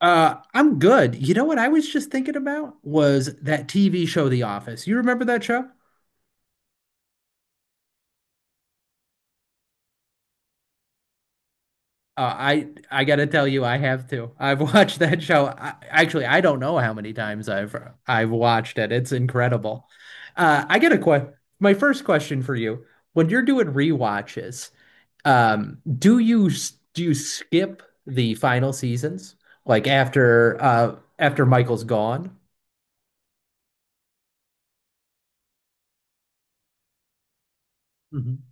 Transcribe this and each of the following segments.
I'm good. You know what I was just thinking about was that TV show, The Office. You remember that show? I gotta tell you, I have to. I've watched that show. I, actually, I don't know how many times I've watched it. It's incredible. I get a que My first question for you. When you're doing rewatches, do you do you skip the final seasons? Like after Michael's gone? Mhm.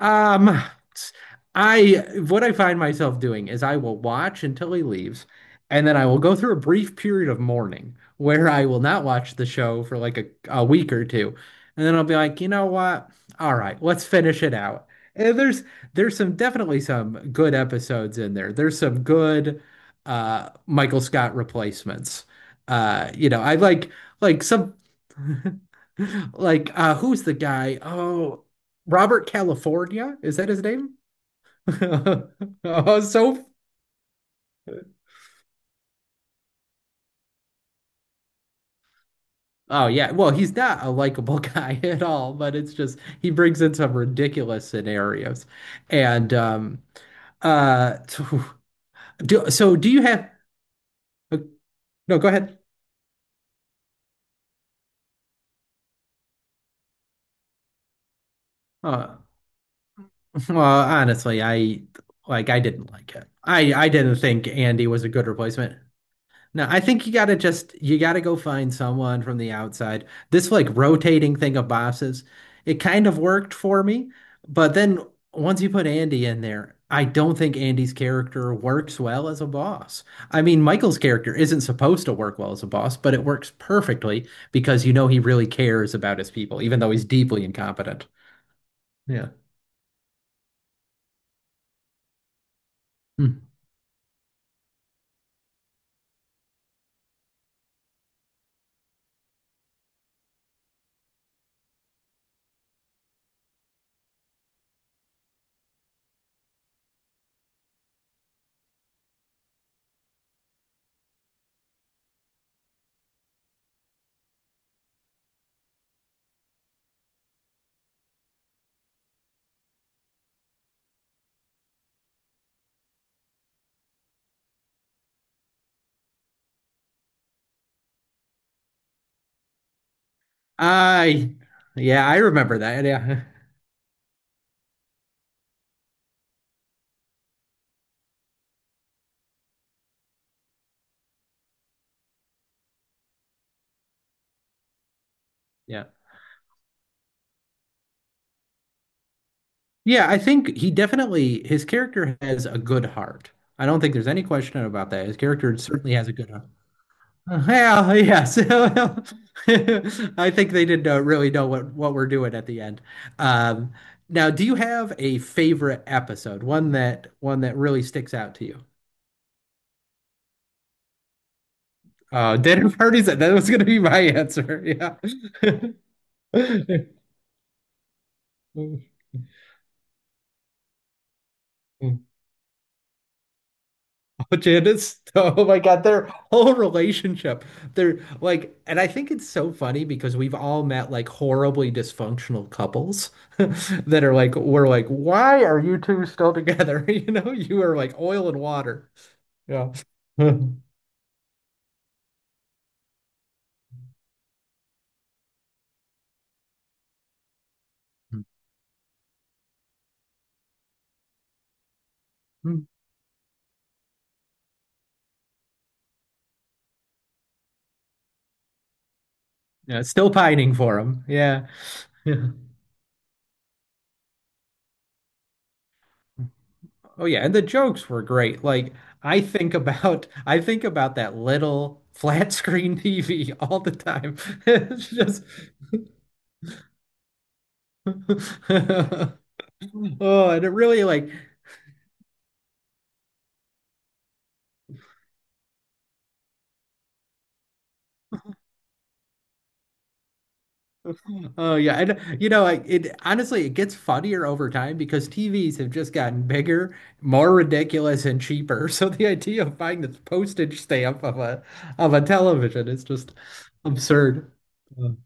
Um, I what I find myself doing is I will watch until he leaves, and then I will go through a brief period of mourning where I will not watch the show for like a week or two. And then I'll be like, you know what? All right, let's finish it out. And there's some definitely some good episodes in there. There's some good Michael Scott replacements. You know, I like some. Like, who's the guy? Oh, Robert California? Is that his name? Oh, so. Oh, yeah. Well, he's not a likable guy at all, but it's just he brings in some ridiculous scenarios. And, so do, so do you have. Uh, No, go ahead. Uh, well, honestly, I I didn't like it. I didn't think Andy was a good replacement. No, I think you gotta just you gotta go find someone from the outside. This like rotating thing of bosses, it kind of worked for me, but then once you put Andy in there, I don't think Andy's character works well as a boss. I mean, Michael's character isn't supposed to work well as a boss, but it works perfectly because you know he really cares about his people, even though he's deeply incompetent. Yeah. Hmm. I, yeah, I remember that. Yeah. Yeah. Yeah, I think he definitely, his character has a good heart. I don't think there's any question about that. His character certainly has a good heart. Well, yes. I think they didn't really know what we're doing at the end. Um, now, do you have a favorite episode? One that really sticks out to you? Dinner parties. That was going to be my answer. Yeah. Janice, oh my God, their whole relationship. They're like, and I think it's so funny because we've all met like horribly dysfunctional couples that are like, we're like, why are you two still together? You know, you are like oil and water. Yeah. Yeah, still pining for him. Yeah. Yeah. Oh yeah, and the jokes were great. Like I think about that little flat screen TV all the time. It's just. Oh, and it really like, oh yeah, and you know, like it honestly, it gets funnier over time because TVs have just gotten bigger, more ridiculous, and cheaper. So the idea of buying this postage stamp of a television is just absurd. Mm.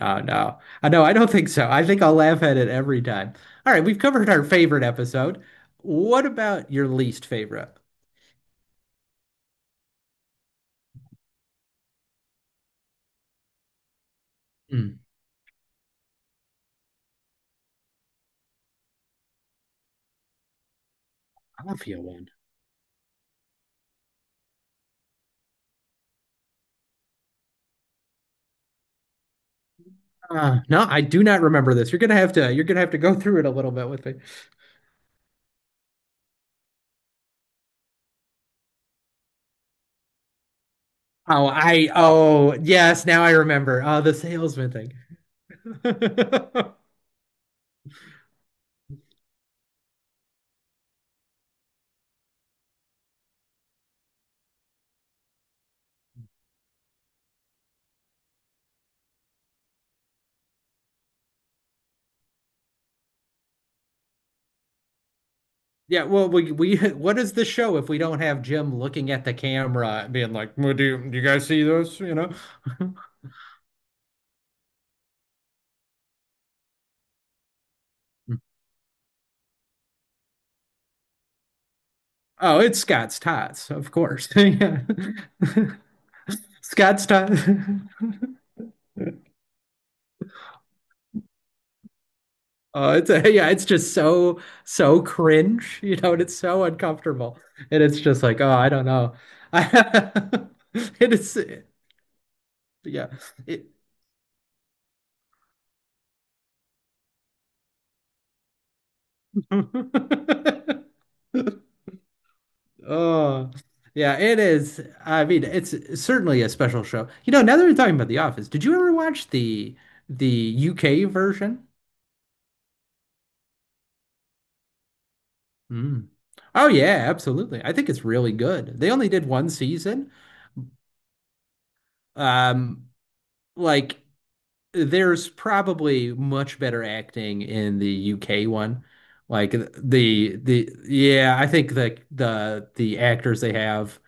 Oh no, I know, I don't think so. I think I'll laugh at it every time. All right, we've covered our favorite episode. What about your least favorite? Mm, I'll feel one. No, I do not remember this. You're gonna have to go through it a little bit with me. Oh, I oh yes, now I remember. Oh, the salesman thing. Yeah, well, we what is the show if we don't have Jim looking at the camera and being like, well, do you guys see this? You know? Oh, it's Scott's Tots, of course. Yeah. Scott's Tots. Oh, it's a, yeah, it's just so cringe, you know, and it's so uncomfortable. And it's just like, oh, I don't know. It is, yeah. It, oh, yeah, it is. I mean, it's certainly a special show. You know, now that we're talking about The Office, did you ever watch the UK version? Mm. Oh yeah, absolutely. I think it's really good. They only did one season. Um, like there's probably much better acting in the UK one. Like the yeah, I think the actors they have.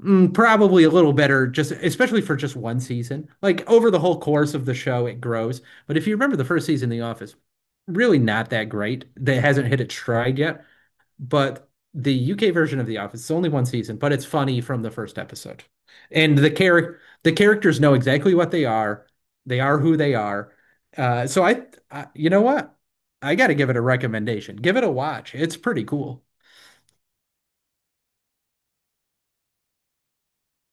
Mm, probably a little better, just especially for just one season. Like over the whole course of the show, it grows. But if you remember the first season of The Office, really not that great. That hasn't hit its stride yet. But the UK version of The Office is only one season, but it's funny from the first episode. And the characters know exactly what they are. They are who they are. Uh, so I, you know what? I got to give it a recommendation. Give it a watch. It's pretty cool.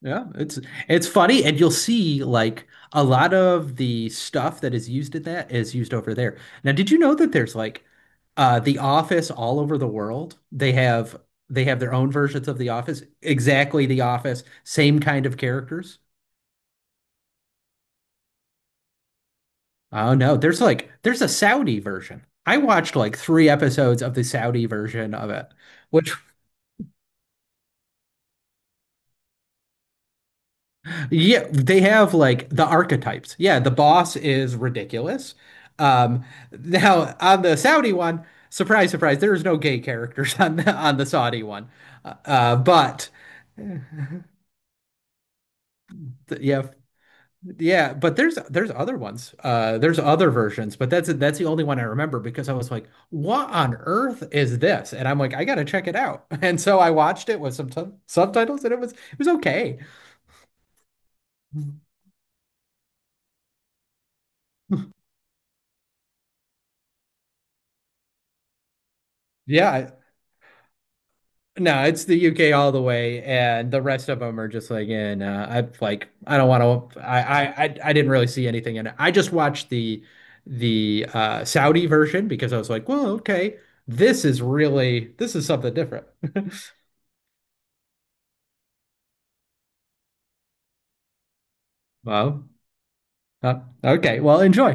Yeah, it's funny, and you'll see like a lot of the stuff that is used in that is used over there. Now, did you know that there's like The Office all over the world? They have their own versions of The Office, exactly The Office, same kind of characters. Oh no, there's a Saudi version. I watched like three episodes of the Saudi version of it, which. Yeah, they have like the archetypes. Yeah, the boss is ridiculous. Um, now on the Saudi one, surprise, surprise, there's no gay characters on the Saudi one. But th- yeah, yeah, but there's other ones. There's other versions, but that's the only one I remember because I was like, what on earth is this? And I'm like, I gotta check it out. And so I watched it with some subtitles, and it was okay. Yeah, no, it's the UK all the way, and the rest of them are just like, and nah, I like, I don't want to. I didn't really see anything in it. I just watched the Saudi version because I was like, well, okay, this is something different. Well, uh, okay, well, enjoy.